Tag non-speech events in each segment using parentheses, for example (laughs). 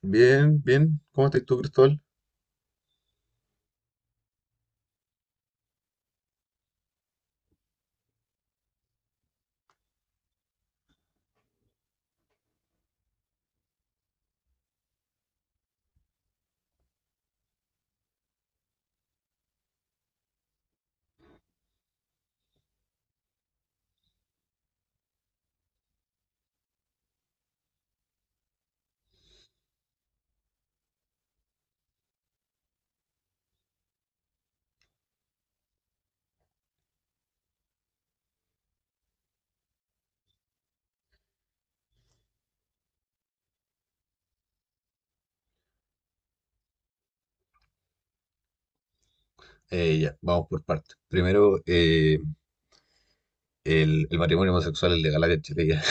Bien, bien. ¿Cómo estás tú, Cristóbal? Ya, vamos por partes. Primero, el matrimonio homosexual es legal acá en Chile ya,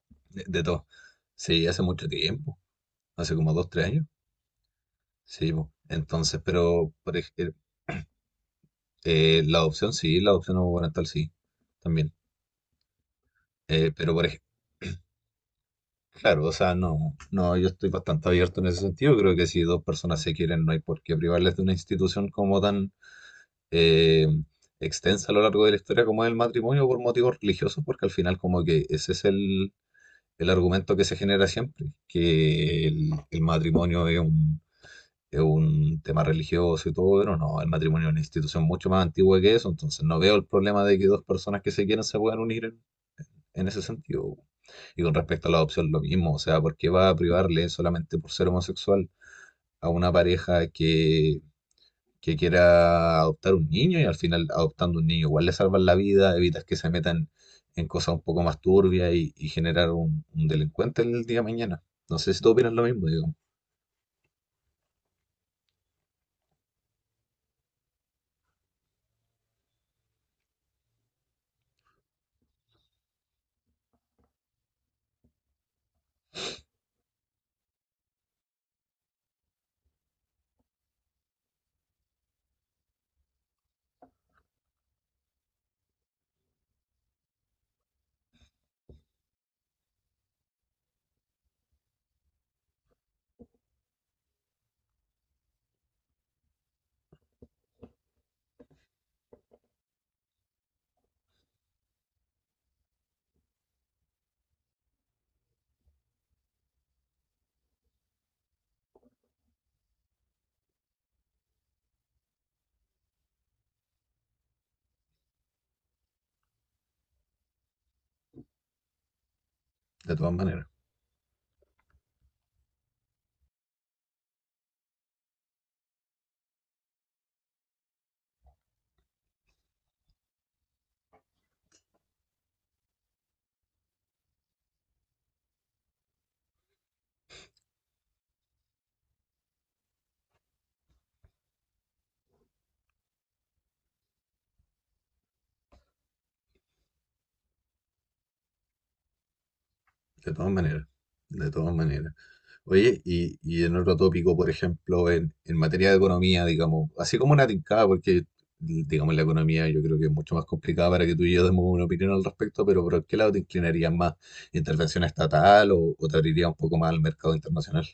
(laughs) de todo. Sí, hace mucho tiempo, hace como dos, tres años. Sí, po. Entonces, pero por ejemplo, la adopción sí, la adopción gubernamental sí, también. Pero por ejemplo, claro, o sea, no, yo estoy bastante abierto en ese sentido. Creo que si dos personas se quieren, no hay por qué privarles de una institución como tan eh, extensa a lo largo de la historia como es el matrimonio por motivos religiosos, porque al final como que ese es el argumento que se genera siempre, que el matrimonio es es un tema religioso y todo, pero no, el matrimonio es una institución mucho más antigua que eso, entonces no veo el problema de que dos personas que se quieren se puedan unir en ese sentido. Y con respecto a la adopción, lo mismo, o sea, ¿por qué va a privarle solamente por ser homosexual a una pareja que quiera adoptar un niño? Y al final adoptando un niño igual le salvan la vida, evitas que se metan en cosas un poco más turbias y generar un delincuente el día de mañana. No sé si tú opinas lo mismo, digo, de todas maneras, de todas maneras, de todas maneras. Oye, y en otro tópico, por ejemplo, en materia de economía, digamos, así como una tincada, porque digamos la economía yo creo que es mucho más complicada para que tú y yo demos una opinión al respecto, pero ¿por qué lado te inclinarías más? ¿Intervención estatal o te abriría un poco más al mercado internacional?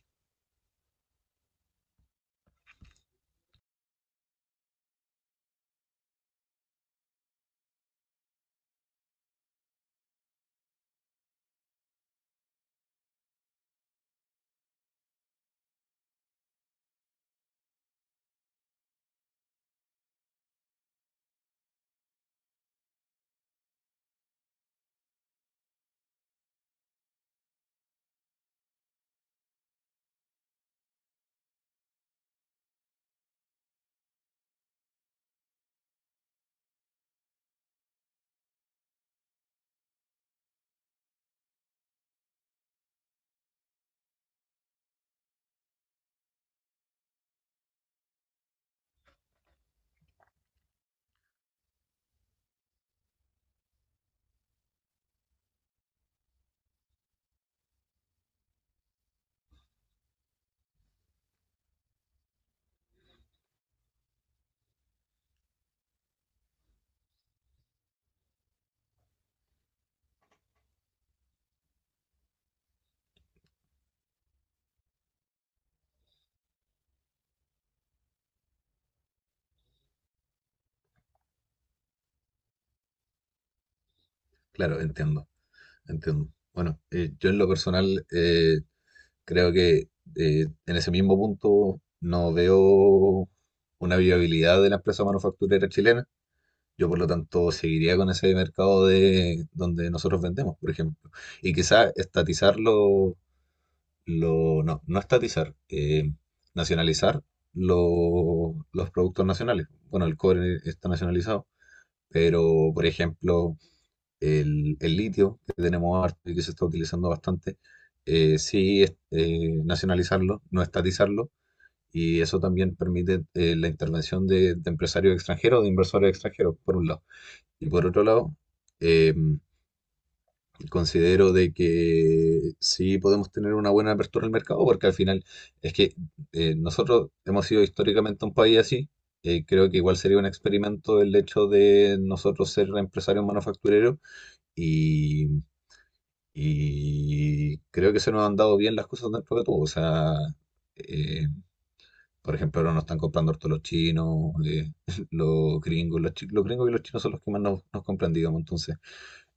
Claro, entiendo, entiendo. Bueno, yo en lo personal creo que en ese mismo punto no veo una viabilidad de la empresa manufacturera chilena. Yo, por lo tanto, seguiría con ese mercado de donde nosotros vendemos, por ejemplo. Y quizá estatizarlo, lo, no, no estatizar, nacionalizar los productos nacionales. Bueno, el cobre está nacionalizado, pero, por ejemplo, el litio que tenemos harto y que se está utilizando bastante, nacionalizarlo, no estatizarlo, y eso también permite la intervención de empresarios extranjeros, de inversores extranjeros, por un lado. Y por otro lado, eh, considero de que sí podemos tener una buena apertura al mercado, porque al final es que nosotros hemos sido históricamente un país así. Eh, creo que igual sería un experimento el hecho de nosotros ser empresarios manufactureros y y creo que se nos han dado bien las cosas dentro de todo. O sea, eh, por ejemplo, ahora nos están comprando harto los chinos, (laughs) los gringos, los gringos y los chinos son los que más nos compran, digamos. Entonces,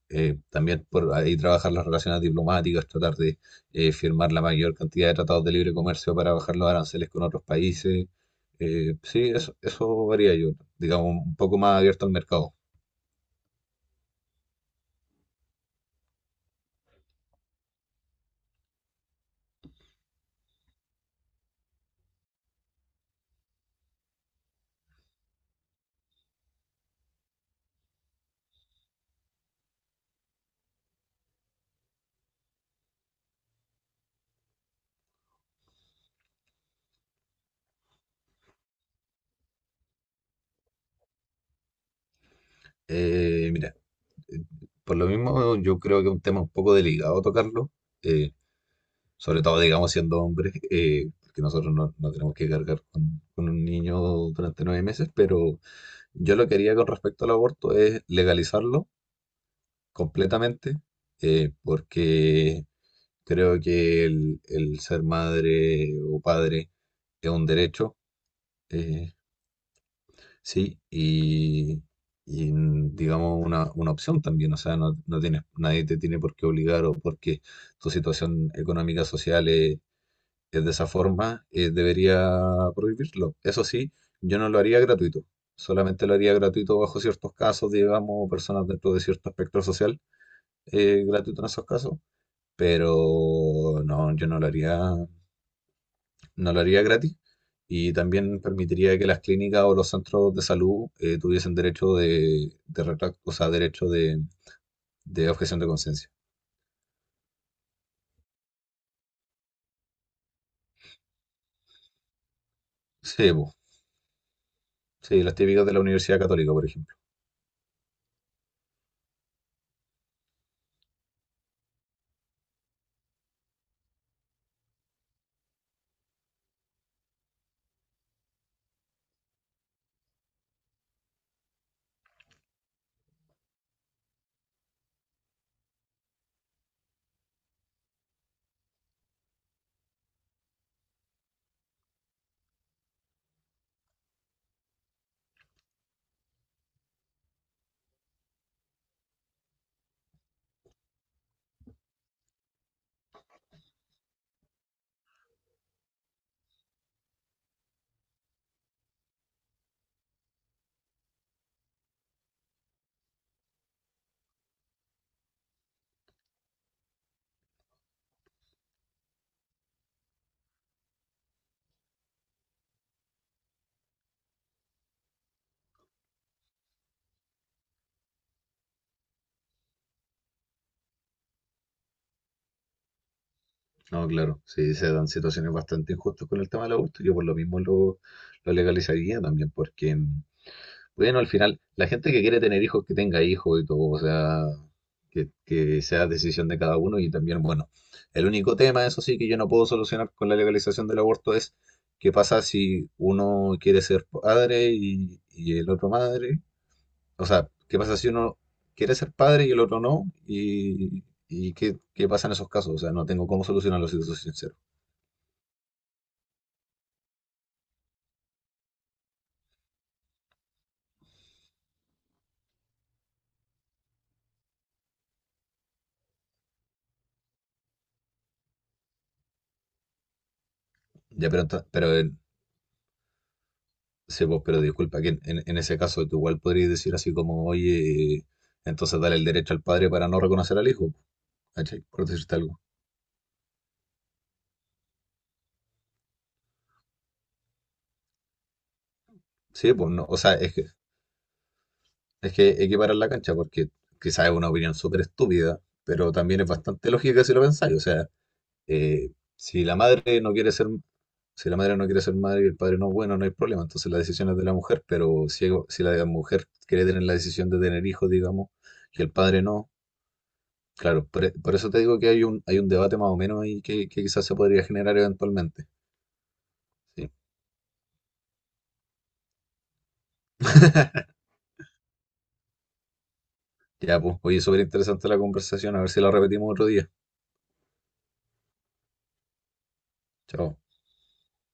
también por ahí trabajar las relaciones diplomáticas, tratar de firmar la mayor cantidad de tratados de libre comercio para bajar los aranceles con otros países. Sí, eso varía yo, digamos, un poco más abierto al mercado. Mira, eh, por lo mismo yo creo que es un tema un poco delicado tocarlo. Eh, Sobre todo, digamos, siendo hombres, porque nosotros no, no tenemos que cargar con un niño durante 9 meses, pero yo lo que haría con respecto al aborto es legalizarlo completamente, porque creo que el ser madre o padre es un derecho, eh, sí, y, mm, digamos una opción también, o sea, no, no tienes, nadie te tiene por qué obligar o porque tu situación económica, social es de esa forma, debería prohibirlo. Eso sí, yo no lo haría gratuito. Solamente lo haría gratuito bajo ciertos casos, digamos, o personas dentro de cierto espectro social, gratuito en esos casos. Pero no, yo no lo haría, no lo haría gratis. Y también permitiría que las clínicas o los centros de salud tuviesen derecho de o sea, derecho de objeción de conciencia. Sí, po. Sí, las típicas de la Universidad Católica, por ejemplo. No, claro, sí, se dan situaciones bastante injustas con el tema del aborto. Yo por lo mismo lo legalizaría también, porque, mm, bueno, al final, la gente que quiere tener hijos, que tenga hijos y todo, o sea, que sea decisión de cada uno. Y también, bueno, el único tema, eso sí, que yo no puedo solucionar con la legalización del aborto es qué pasa si uno quiere ser padre y el otro madre. O sea, qué pasa si uno quiere ser padre y el otro no, y qué, qué pasa en esos casos. O sea, no tengo cómo solucionarlo, si te soy sincero. Ya, pero, pero, sí, pues, pero disculpa, que en ese caso tú igual podrías decir así como, oye, entonces dale el derecho al padre para no reconocer al hijo, ¿cachai? Por decirte algo. Sí, pues no, o sea, es que equiparar la cancha porque quizás es una opinión súper estúpida, pero también es bastante lógica si lo pensáis. O sea, eh, si la madre no quiere ser, si la madre no quiere ser madre y el padre no, bueno, no hay problema, entonces la decisión es de la mujer, pero si, si la mujer quiere tener la decisión de tener hijos, digamos, y el padre no. Claro, por, por eso te digo que hay un debate más o menos ahí que quizás se podría generar eventualmente. Sí. (laughs) Ya, pues, oye, súper interesante la conversación, a ver si la repetimos otro día. Chao.